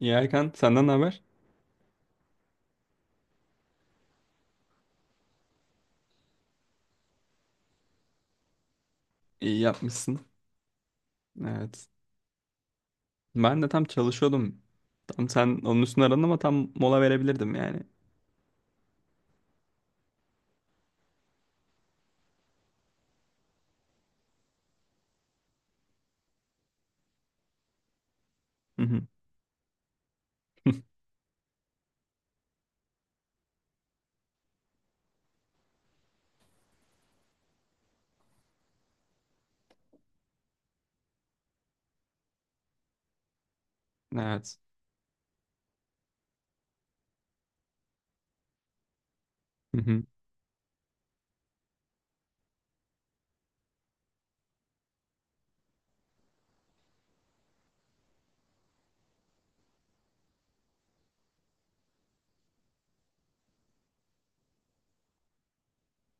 İyi Erkan, senden ne haber? İyi yapmışsın. Evet. Ben de tam çalışıyordum. Tam sen onun üstüne aradın ama tam mola verebilirdim yani. Hı hı. Evet. Hı hı.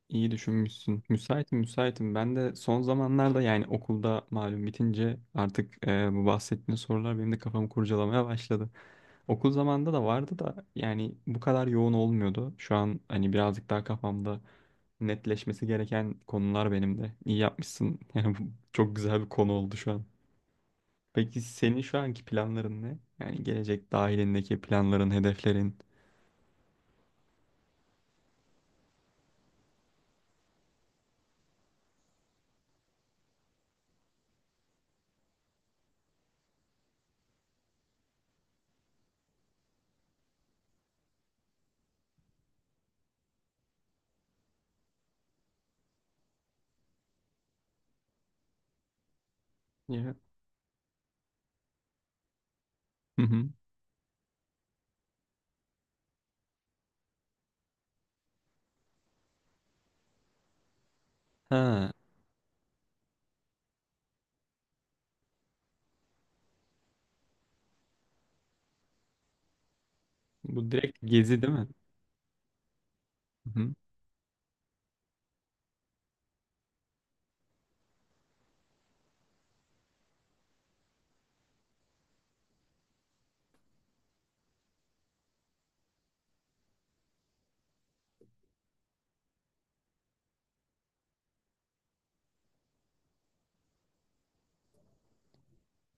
İyi düşünmüşsün. Müsaitim, müsaitim. Ben de son zamanlarda yani okulda malum bitince artık bu bahsettiğin sorular benim de kafamı kurcalamaya başladı. Okul zamanında da vardı da yani bu kadar yoğun olmuyordu. Şu an hani birazcık daha kafamda netleşmesi gereken konular benim de. İyi yapmışsın. Yani bu çok güzel bir konu oldu şu an. Peki senin şu anki planların ne? Yani gelecek dahilindeki planların, hedeflerin. Ya. Hı hı. Ha, bu direkt gezi değil mi? Hı hı.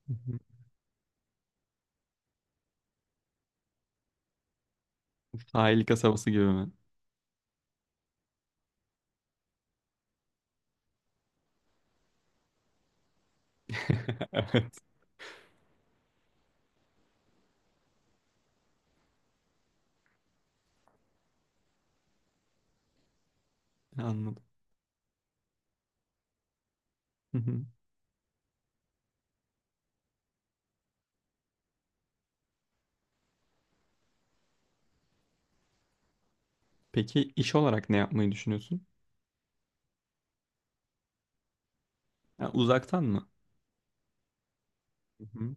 Hı hı. Sahil kasabası gibi mi? Evet, anladım. Hı hı. Peki iş olarak ne yapmayı düşünüyorsun? Ha, uzaktan mı? Hı hı.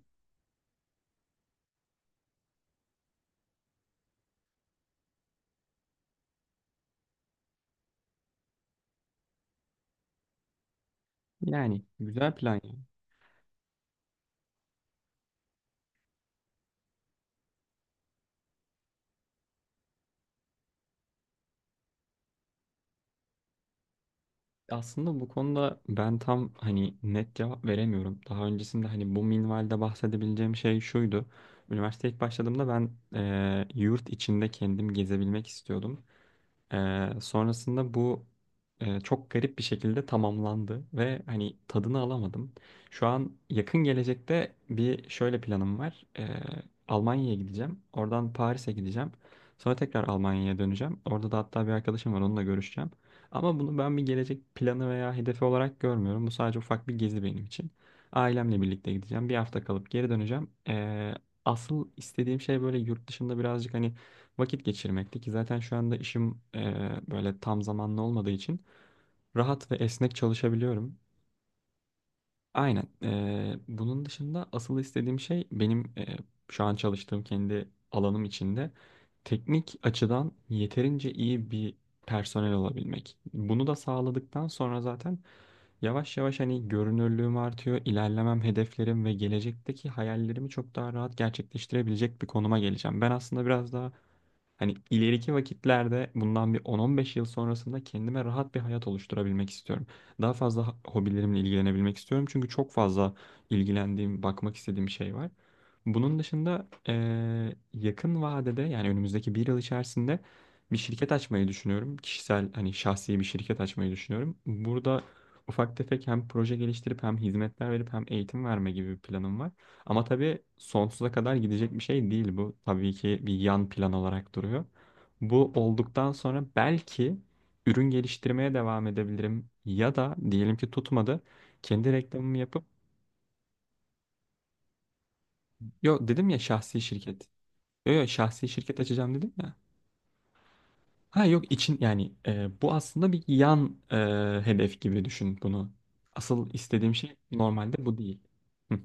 Yani güzel plan ya. Aslında bu konuda ben tam hani net cevap veremiyorum. Daha öncesinde hani bu minvalde bahsedebileceğim şey şuydu. Üniversiteye ilk başladığımda ben yurt içinde kendim gezebilmek istiyordum. Sonrasında bu çok garip bir şekilde tamamlandı ve hani tadını alamadım. Şu an yakın gelecekte bir şöyle planım var. Almanya'ya gideceğim. Oradan Paris'e gideceğim. Sonra tekrar Almanya'ya döneceğim. Orada da hatta bir arkadaşım var onunla görüşeceğim. Ama bunu ben bir gelecek planı veya hedefi olarak görmüyorum. Bu sadece ufak bir gezi benim için. Ailemle birlikte gideceğim. Bir hafta kalıp geri döneceğim. Asıl istediğim şey böyle yurt dışında birazcık hani vakit geçirmekti ki zaten şu anda işim böyle tam zamanlı olmadığı için rahat ve esnek çalışabiliyorum. Aynen. Bunun dışında asıl istediğim şey benim şu an çalıştığım kendi alanım içinde teknik açıdan yeterince iyi bir personel olabilmek. Bunu da sağladıktan sonra zaten yavaş yavaş hani görünürlüğüm artıyor, ilerlemem, hedeflerim ve gelecekteki hayallerimi çok daha rahat gerçekleştirebilecek bir konuma geleceğim. Ben aslında biraz daha hani ileriki vakitlerde bundan bir 10-15 yıl sonrasında kendime rahat bir hayat oluşturabilmek istiyorum. Daha fazla hobilerimle ilgilenebilmek istiyorum. Çünkü çok fazla ilgilendiğim, bakmak istediğim şey var. Bunun dışında yakın vadede yani önümüzdeki bir yıl içerisinde bir şirket açmayı düşünüyorum. Kişisel hani şahsi bir şirket açmayı düşünüyorum. Burada ufak tefek hem proje geliştirip hem hizmetler verip hem eğitim verme gibi bir planım var. Ama tabii sonsuza kadar gidecek bir şey değil bu. Tabii ki bir yan plan olarak duruyor. Bu olduktan sonra belki ürün geliştirmeye devam edebilirim. Ya da diyelim ki tutmadı. Kendi reklamımı yapıp. Yo dedim ya şahsi şirket. Yo yo şahsi şirket açacağım dedim ya. Ha yok için yani bu aslında bir yan hedef gibi düşün bunu. Asıl istediğim şey normalde bu değil. Hı.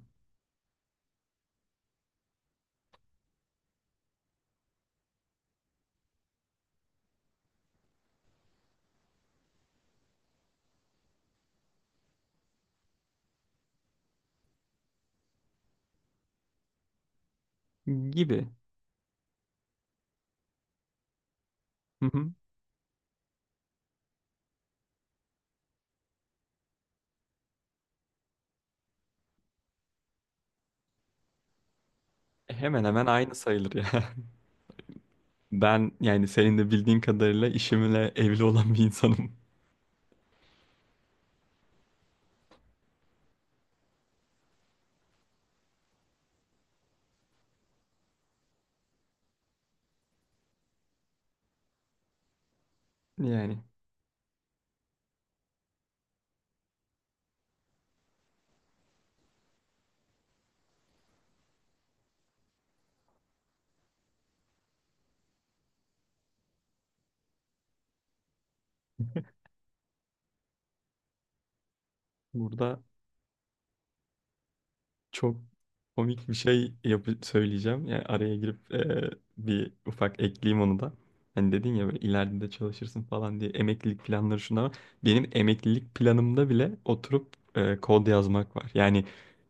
Gibi. Hı hı. Hemen hemen aynı sayılır ya. Ben yani senin de bildiğin kadarıyla işimle evli olan bir insanım. Yani burada çok komik bir şey yapı söyleyeceğim. Yani araya girip bir ufak ekleyeyim onu da. Hani dedin ya böyle ileride de çalışırsın falan diye emeklilik planları şunlar var. Benim emeklilik planımda bile oturup kod yazmak var. Yani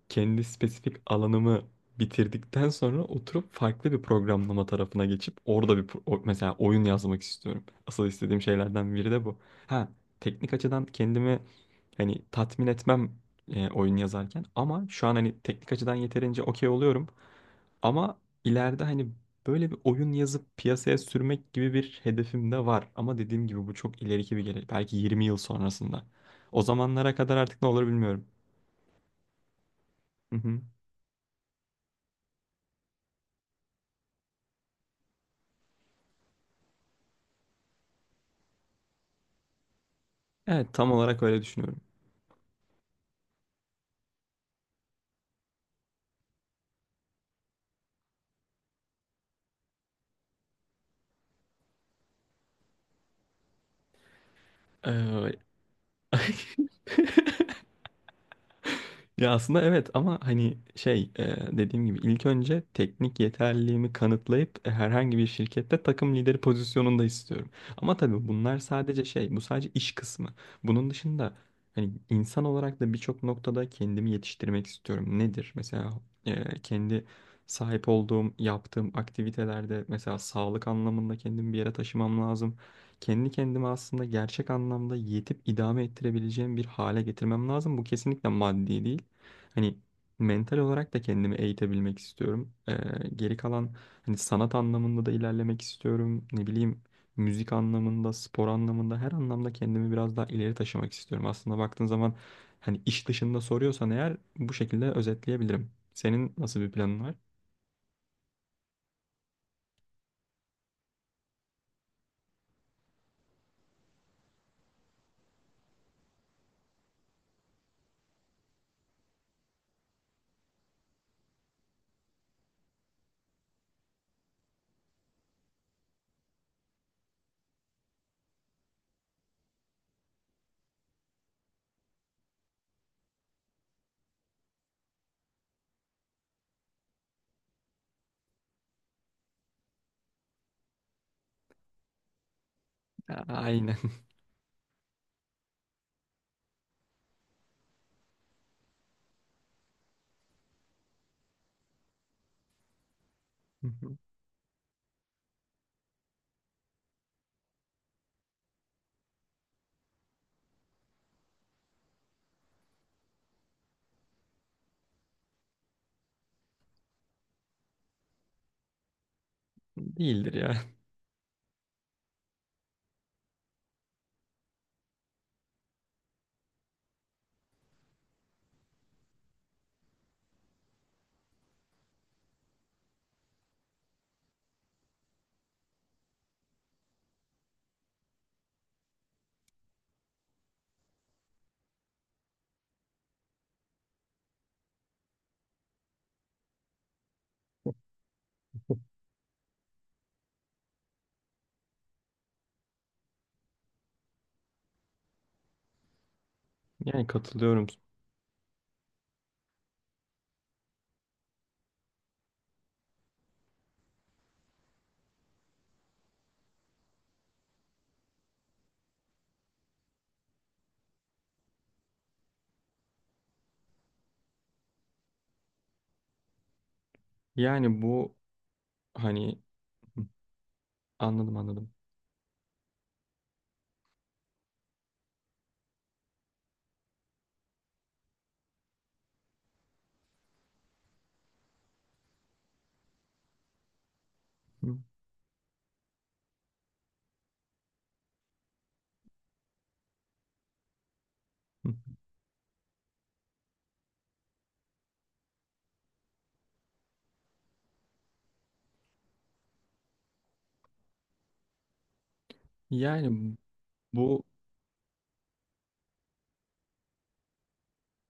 kendi spesifik alanımı bitirdikten sonra oturup farklı bir programlama tarafına geçip orada mesela oyun yazmak istiyorum. Asıl istediğim şeylerden biri de bu. Ha, teknik açıdan kendimi hani tatmin etmem oyun yazarken ama şu an hani teknik açıdan yeterince okey oluyorum ama ileride hani böyle bir oyun yazıp piyasaya sürmek gibi bir hedefim de var ama dediğim gibi bu çok ileriki bir gelecek. Belki 20 yıl sonrasında. O zamanlara kadar artık ne olur bilmiyorum. Hı hı. Evet, tam olarak öyle düşünüyorum. Ee, ay, ya aslında evet ama hani şey dediğim gibi ilk önce teknik yeterliliğimi kanıtlayıp herhangi bir şirkette takım lideri pozisyonunda istiyorum. Ama tabii bunlar sadece şey bu sadece iş kısmı. Bunun dışında hani insan olarak da birçok noktada kendimi yetiştirmek istiyorum. Nedir? Mesela kendi sahip olduğum, yaptığım aktivitelerde mesela sağlık anlamında kendimi bir yere taşımam lazım. Kendi kendime aslında gerçek anlamda yetip idame ettirebileceğim bir hale getirmem lazım. Bu kesinlikle maddi değil. Hani mental olarak da kendimi eğitebilmek istiyorum. Geri kalan hani sanat anlamında da ilerlemek istiyorum. Ne bileyim müzik anlamında, spor anlamında her anlamda kendimi biraz daha ileri taşımak istiyorum. Aslında baktığın zaman hani iş dışında soruyorsan eğer bu şekilde özetleyebilirim. Senin nasıl bir planın var? A- Aynen. Değildir ya. Yani katılıyorum. Yani bu hani anladım, anladım. Yani bu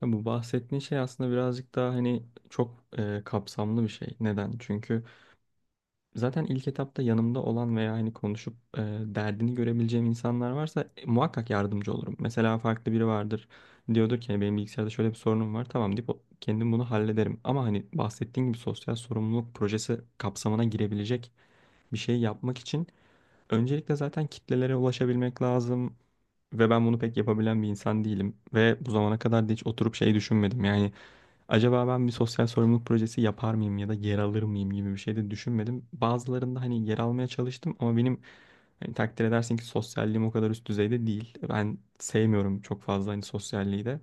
ya bu bahsettiğin şey aslında birazcık daha hani çok kapsamlı bir şey. Neden? Çünkü zaten ilk etapta yanımda olan veya hani konuşup derdini görebileceğim insanlar varsa muhakkak yardımcı olurum. Mesela farklı biri vardır. Diyordur ki "Hani benim bilgisayarda şöyle bir sorunum var. Tamam deyip kendim bunu hallederim. Ama hani bahsettiğin gibi sosyal sorumluluk projesi kapsamına girebilecek bir şey yapmak için öncelikle zaten kitlelere ulaşabilmek lazım. Ve ben bunu pek yapabilen bir insan değilim. Ve bu zamana kadar da hiç oturup şey düşünmedim. Yani acaba ben bir sosyal sorumluluk projesi yapar mıyım ya da yer alır mıyım gibi bir şey de düşünmedim. Bazılarında hani yer almaya çalıştım ama benim hani takdir edersin ki sosyalliğim o kadar üst düzeyde değil. Ben sevmiyorum çok fazla hani sosyalliği de.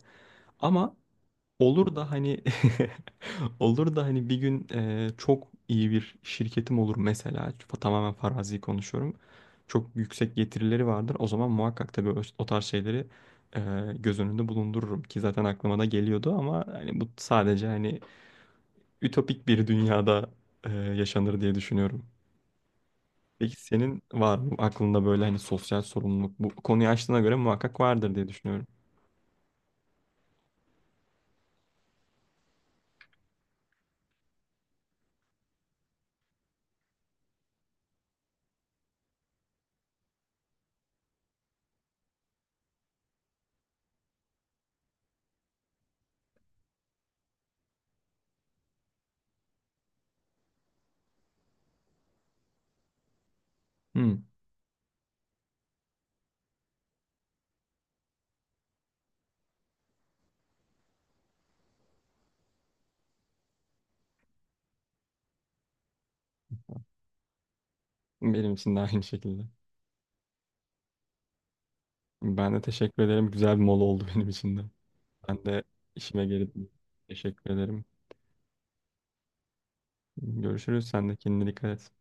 Ama olur da hani olur da hani bir gün çok iyi bir şirketim olur mesela tamamen farazi konuşuyorum. Çok yüksek getirileri vardır. O zaman muhakkak tabii o tarz şeyleri e, göz önünde bulundururum ki zaten aklıma da geliyordu ama hani bu sadece hani ütopik bir dünyada yaşanır diye düşünüyorum. Peki senin var mı aklında böyle hani sosyal sorumluluk bu konuyu açtığına göre muhakkak vardır diye düşünüyorum. Hmm, benim için de aynı şekilde. Ben de teşekkür ederim. Güzel bir mola oldu benim için de. Ben de işime geri döneyim. Teşekkür ederim. Görüşürüz. Sen de kendine dikkat et.